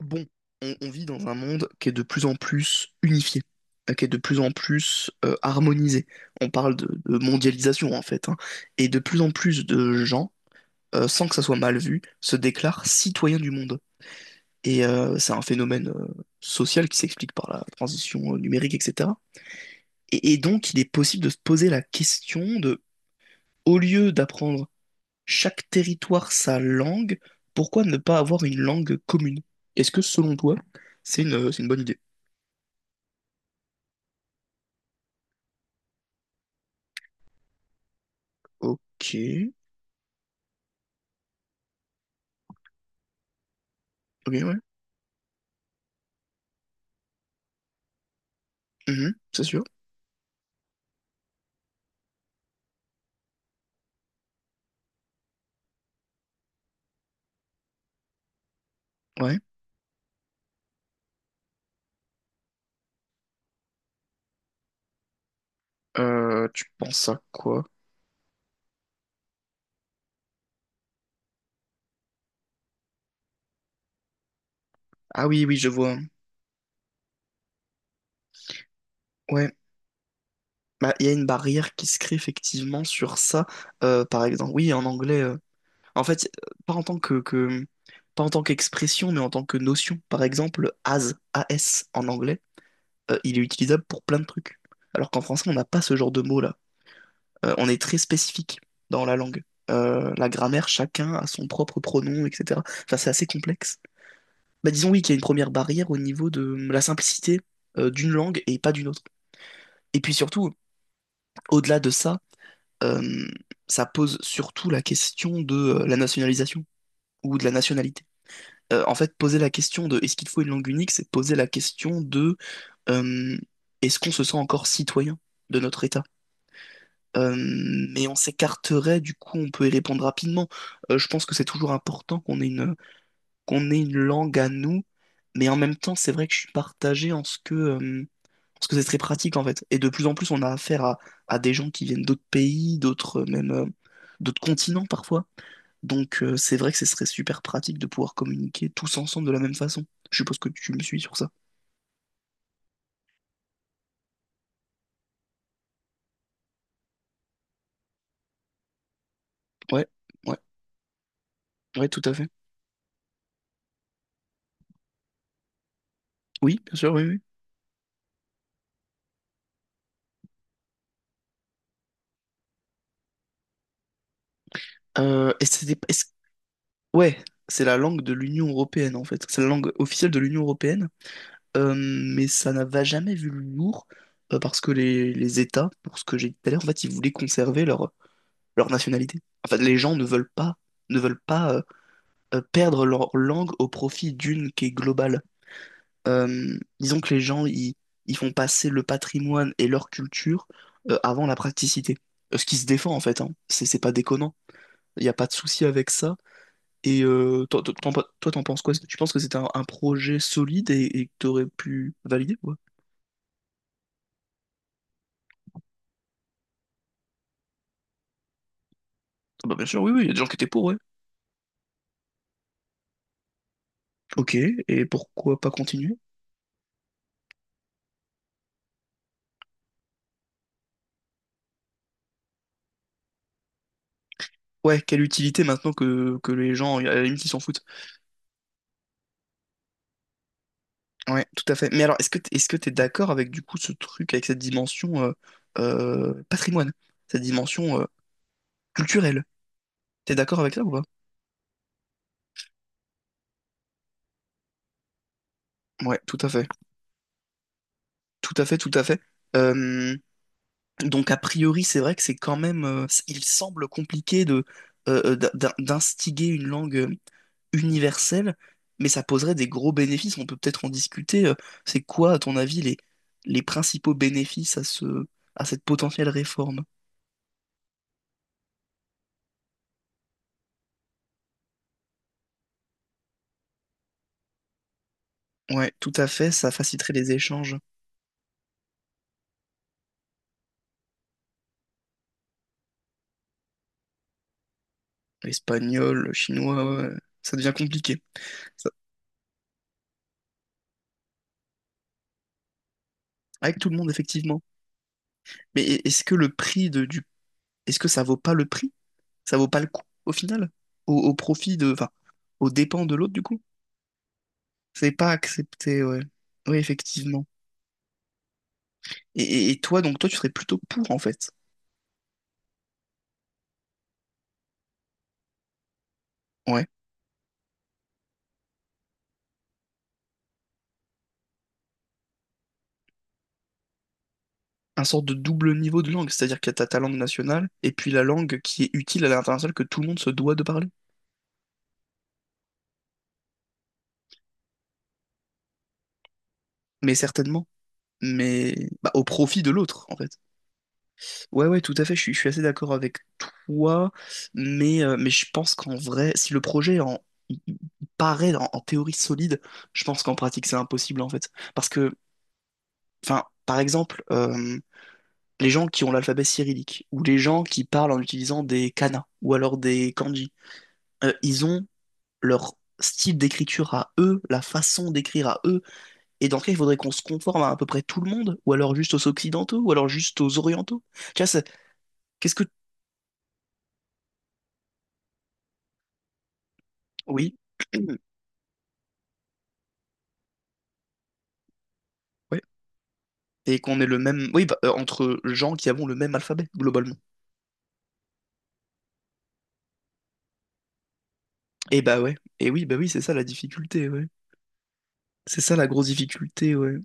Bon, on vit dans un monde qui est de plus en plus unifié, qui est de plus en plus harmonisé. On parle de mondialisation en fait, hein. Et de plus en plus de gens, sans que ça soit mal vu, se déclarent citoyens du monde. Et c'est un phénomène social qui s'explique par la transition numérique, etc. Et donc, il est possible de se poser la question de, au lieu d'apprendre chaque territoire sa langue, pourquoi ne pas avoir une langue commune? Est-ce que selon toi, c'est une bonne idée? Ok. Ok, ouais. Mhm, c'est sûr. Ouais. Tu penses à quoi? Ah oui, oui, je vois. Ouais. Bah, il y a une barrière qui se crée effectivement sur ça. Par exemple, oui, en anglais. En fait, pas en tant que- pas en tant qu'expression, mais en tant que notion. Par exemple, as en anglais, il est utilisable pour plein de trucs. Alors qu'en français, on n'a pas ce genre de mot-là. On est très spécifique dans la langue. La grammaire, chacun a son propre pronom, etc. Enfin, c'est assez complexe. Bah, disons oui qu'il y a une première barrière au niveau de la simplicité d'une langue et pas d'une autre. Et puis surtout, au-delà de ça, euh, ça pose surtout la question de la nationalisation ou de la nationalité. En fait, poser la question de est-ce qu'il faut une langue unique, c'est poser la question de euh, est-ce qu'on se sent encore citoyen de notre État? Euh, mais on s'écarterait, du coup, on peut y répondre rapidement. Je pense que c'est toujours important qu'on ait une langue à nous, mais en même temps, c'est vrai que je suis partagé en ce que... Parce que c'est très pratique en fait. Et de plus en plus, on a affaire à des gens qui viennent d'autres pays, d'autres même d'autres continents parfois. Donc c'est vrai que ce serait super pratique de pouvoir communiquer tous ensemble de la même façon. Je suppose que tu me suis sur ça. Ouais, ouais, ouais, tout à fait. Oui, bien sûr, oui, oui. Euh, et c'était, est-ce- ouais, c'est la langue de l'Union européenne en fait. C'est la langue officielle de l'Union européenne. Mais ça n'a jamais vu le jour parce que les États, pour ce que j'ai dit tout à l'heure, en fait, ils voulaient conserver leur nationalité. Enfin, les gens ne veulent pas, ne veulent pas perdre leur langue au profit d'une qui est globale. Disons que ils font passer le patrimoine et leur culture avant la praticité. Ce qui se défend en fait, hein. C'est pas déconnant. Il n'y a pas de souci avec ça. Et t'en penses quoi? Tu penses que c'était un projet solide et que t'aurais pu valider? Ouais. Ah bah bien sûr, oui, oui, il y a des gens qui étaient pour, ouais. Ok, et pourquoi pas continuer? Ouais, quelle utilité maintenant que les gens, à la limite, ils s'en foutent. Ouais, tout à fait. Mais alors, est-ce que t'es d'accord avec du coup ce truc, avec cette dimension patrimoine, cette dimension culturelle? T'es d'accord avec ça ou pas? Ouais, tout à fait. Tout à fait, tout à fait. Euh, donc, a priori, c'est vrai que c'est quand même. Il semble compliqué de, d'instiguer une langue universelle, mais ça poserait des gros bénéfices. On peut peut-être en discuter. C'est quoi, à ton avis, les principaux bénéfices à à cette potentielle réforme? Ouais, tout à fait. Ça faciliterait les échanges. Espagnol, chinois, ouais, ouais. Ça devient compliqué. Ça- Avec tout le monde, effectivement. Mais est-ce que le prix de, du... Est-ce que ça vaut pas le prix? Ça vaut pas le coup, au final? Au profit de... Enfin, aux dépens de l'autre, du coup? C'est pas accepté, ouais. Oui, effectivement. Et toi, donc, toi, tu serais plutôt pour, en fait. Ouais. Un sorte de double niveau de langue, c'est-à-dire qu'il y a ta langue nationale et puis la langue qui est utile à l'international que tout le monde se doit de parler. Mais certainement. Mais bah, au profit de l'autre, en fait. Ouais, ouais, tout à fait, je suis assez d'accord avec toi, mais je pense qu'en vrai, si le projet il paraît en théorie solide, je pense qu'en pratique c'est impossible en fait. Parce que, enfin, par exemple, les gens qui ont l'alphabet cyrillique, ou les gens qui parlent en utilisant des kanas, ou alors des kanji, ils ont leur style d'écriture à eux, la façon d'écrire à eux, et dans ce cas, il faudrait qu'on se conforme à peu près tout le monde, ou alors juste aux occidentaux, ou alors juste aux orientaux. Tu vois, c'est- qu'est-ce que... Oui. Ouais. Et qu'on ait le même. Oui, bah, entre gens qui avons le même alphabet, globalement. Et bah ouais. Et oui, bah oui, c'est ça la difficulté, ouais. C'est ça la grosse difficulté, ouais.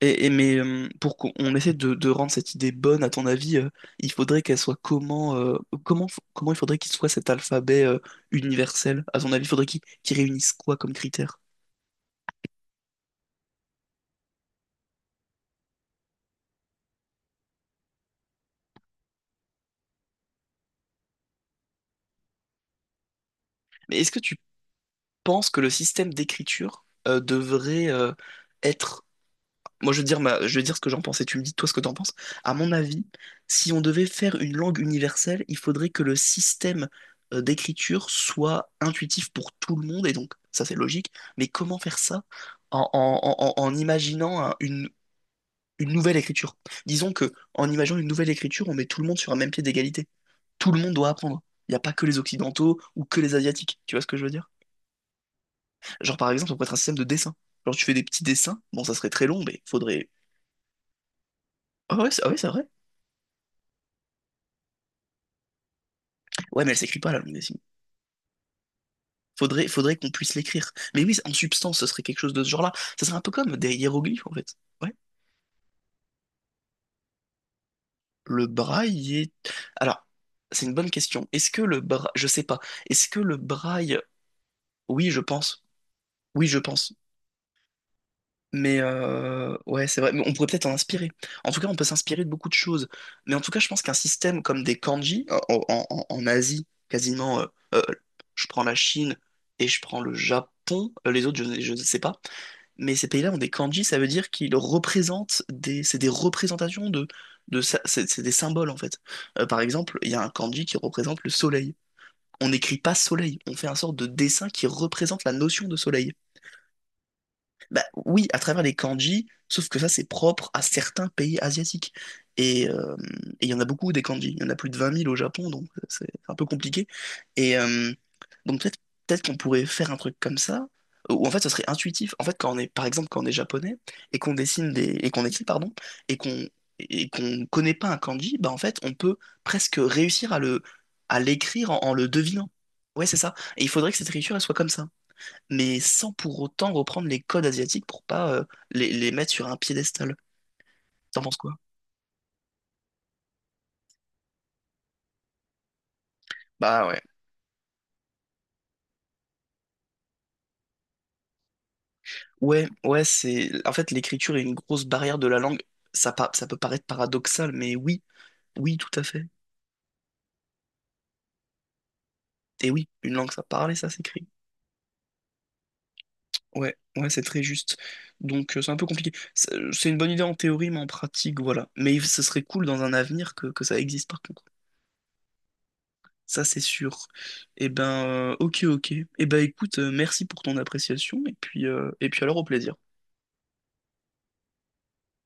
Mais pour qu'on essaie de rendre cette idée bonne, à ton avis, il faudrait qu'elle soit comment, comment il faudrait qu'il soit cet alphabet universel? À ton avis, il faudrait qu'il réunisse quoi comme critères? Mais est-ce que tu penses que le système d'écriture devrait être Moi, je vais te dire ma- je vais te dire ce que j'en pense et tu me dis toi ce que t'en penses. À mon avis, si on devait faire une langue universelle, il faudrait que le système d'écriture soit intuitif pour tout le monde et donc ça c'est logique. Mais comment faire ça en imaginant une nouvelle écriture? Disons que en imaginant une nouvelle écriture, on met tout le monde sur un même pied d'égalité. Tout le monde doit apprendre. Il n'y a pas que les Occidentaux ou que les Asiatiques. Tu vois ce que je veux dire? Genre par exemple, on pourrait être un système de dessin. Genre tu fais des petits dessins. Bon, ça serait très long, mais faudrait. Ah ouais, c'est vrai. Ouais, mais elle s'écrit pas, la langue des signes. Faudrait qu'on puisse l'écrire. Mais oui, en substance, ce serait quelque chose de ce genre-là. Ça serait un peu comme des hiéroglyphes, en fait. Ouais. Le braille est... Alors, c'est une bonne question. Est-ce que le braille... Je sais pas. Est-ce que le braille... Oui, je pense. Oui, je pense. Mais ouais, c'est vrai. Mais on pourrait peut-être en inspirer. En tout cas, on peut s'inspirer de beaucoup de choses. Mais en tout cas, je pense qu'un système comme des kanji, en Asie, quasiment... euh, je prends la Chine et je prends le Japon. Les autres, je ne sais pas. Mais ces pays-là ont des kanji, ça veut dire qu'ils représentent des, c'est des représentations de, c'est des symboles en fait. Par exemple, il y a un kanji qui représente le soleil. On n'écrit pas soleil, on fait un sorte de dessin qui représente la notion de soleil. Bah oui, à travers les kanji, sauf que ça, c'est propre à certains pays asiatiques. Et euh, et il y en a beaucoup des kanji. Il y en a plus de vingt mille au Japon, donc c'est un peu compliqué. Et donc peut-être qu'on pourrait faire un truc comme ça, où en fait, ce serait intuitif. En fait, quand on est, par exemple, quand on est japonais et et qu'on écrit, pardon, et qu'on et qu'on connaît pas un kanji, bah en fait, on peut presque réussir à le à l'écrire en le devinant. Ouais, c'est ça. Et il faudrait que cette écriture, elle soit comme ça mais sans pour autant reprendre les codes asiatiques pour pas les mettre sur un piédestal. T'en penses quoi? Bah ouais. Ouais, ouais, c'est. En fait, l'écriture est une grosse barrière de la langue. Ça peut paraître paradoxal, mais oui, oui, tout à fait. Et oui, une langue, ça parle et ça s'écrit. Ouais, ouais, c'est très juste. Donc, c'est un peu compliqué. C'est une bonne idée en théorie, mais en pratique, voilà. Mais ce serait cool dans un avenir que ça existe, par contre. Ça, c'est sûr. Eh ben, ok, ok. Eh ben, écoute, merci pour ton appréciation, et puis alors, au plaisir.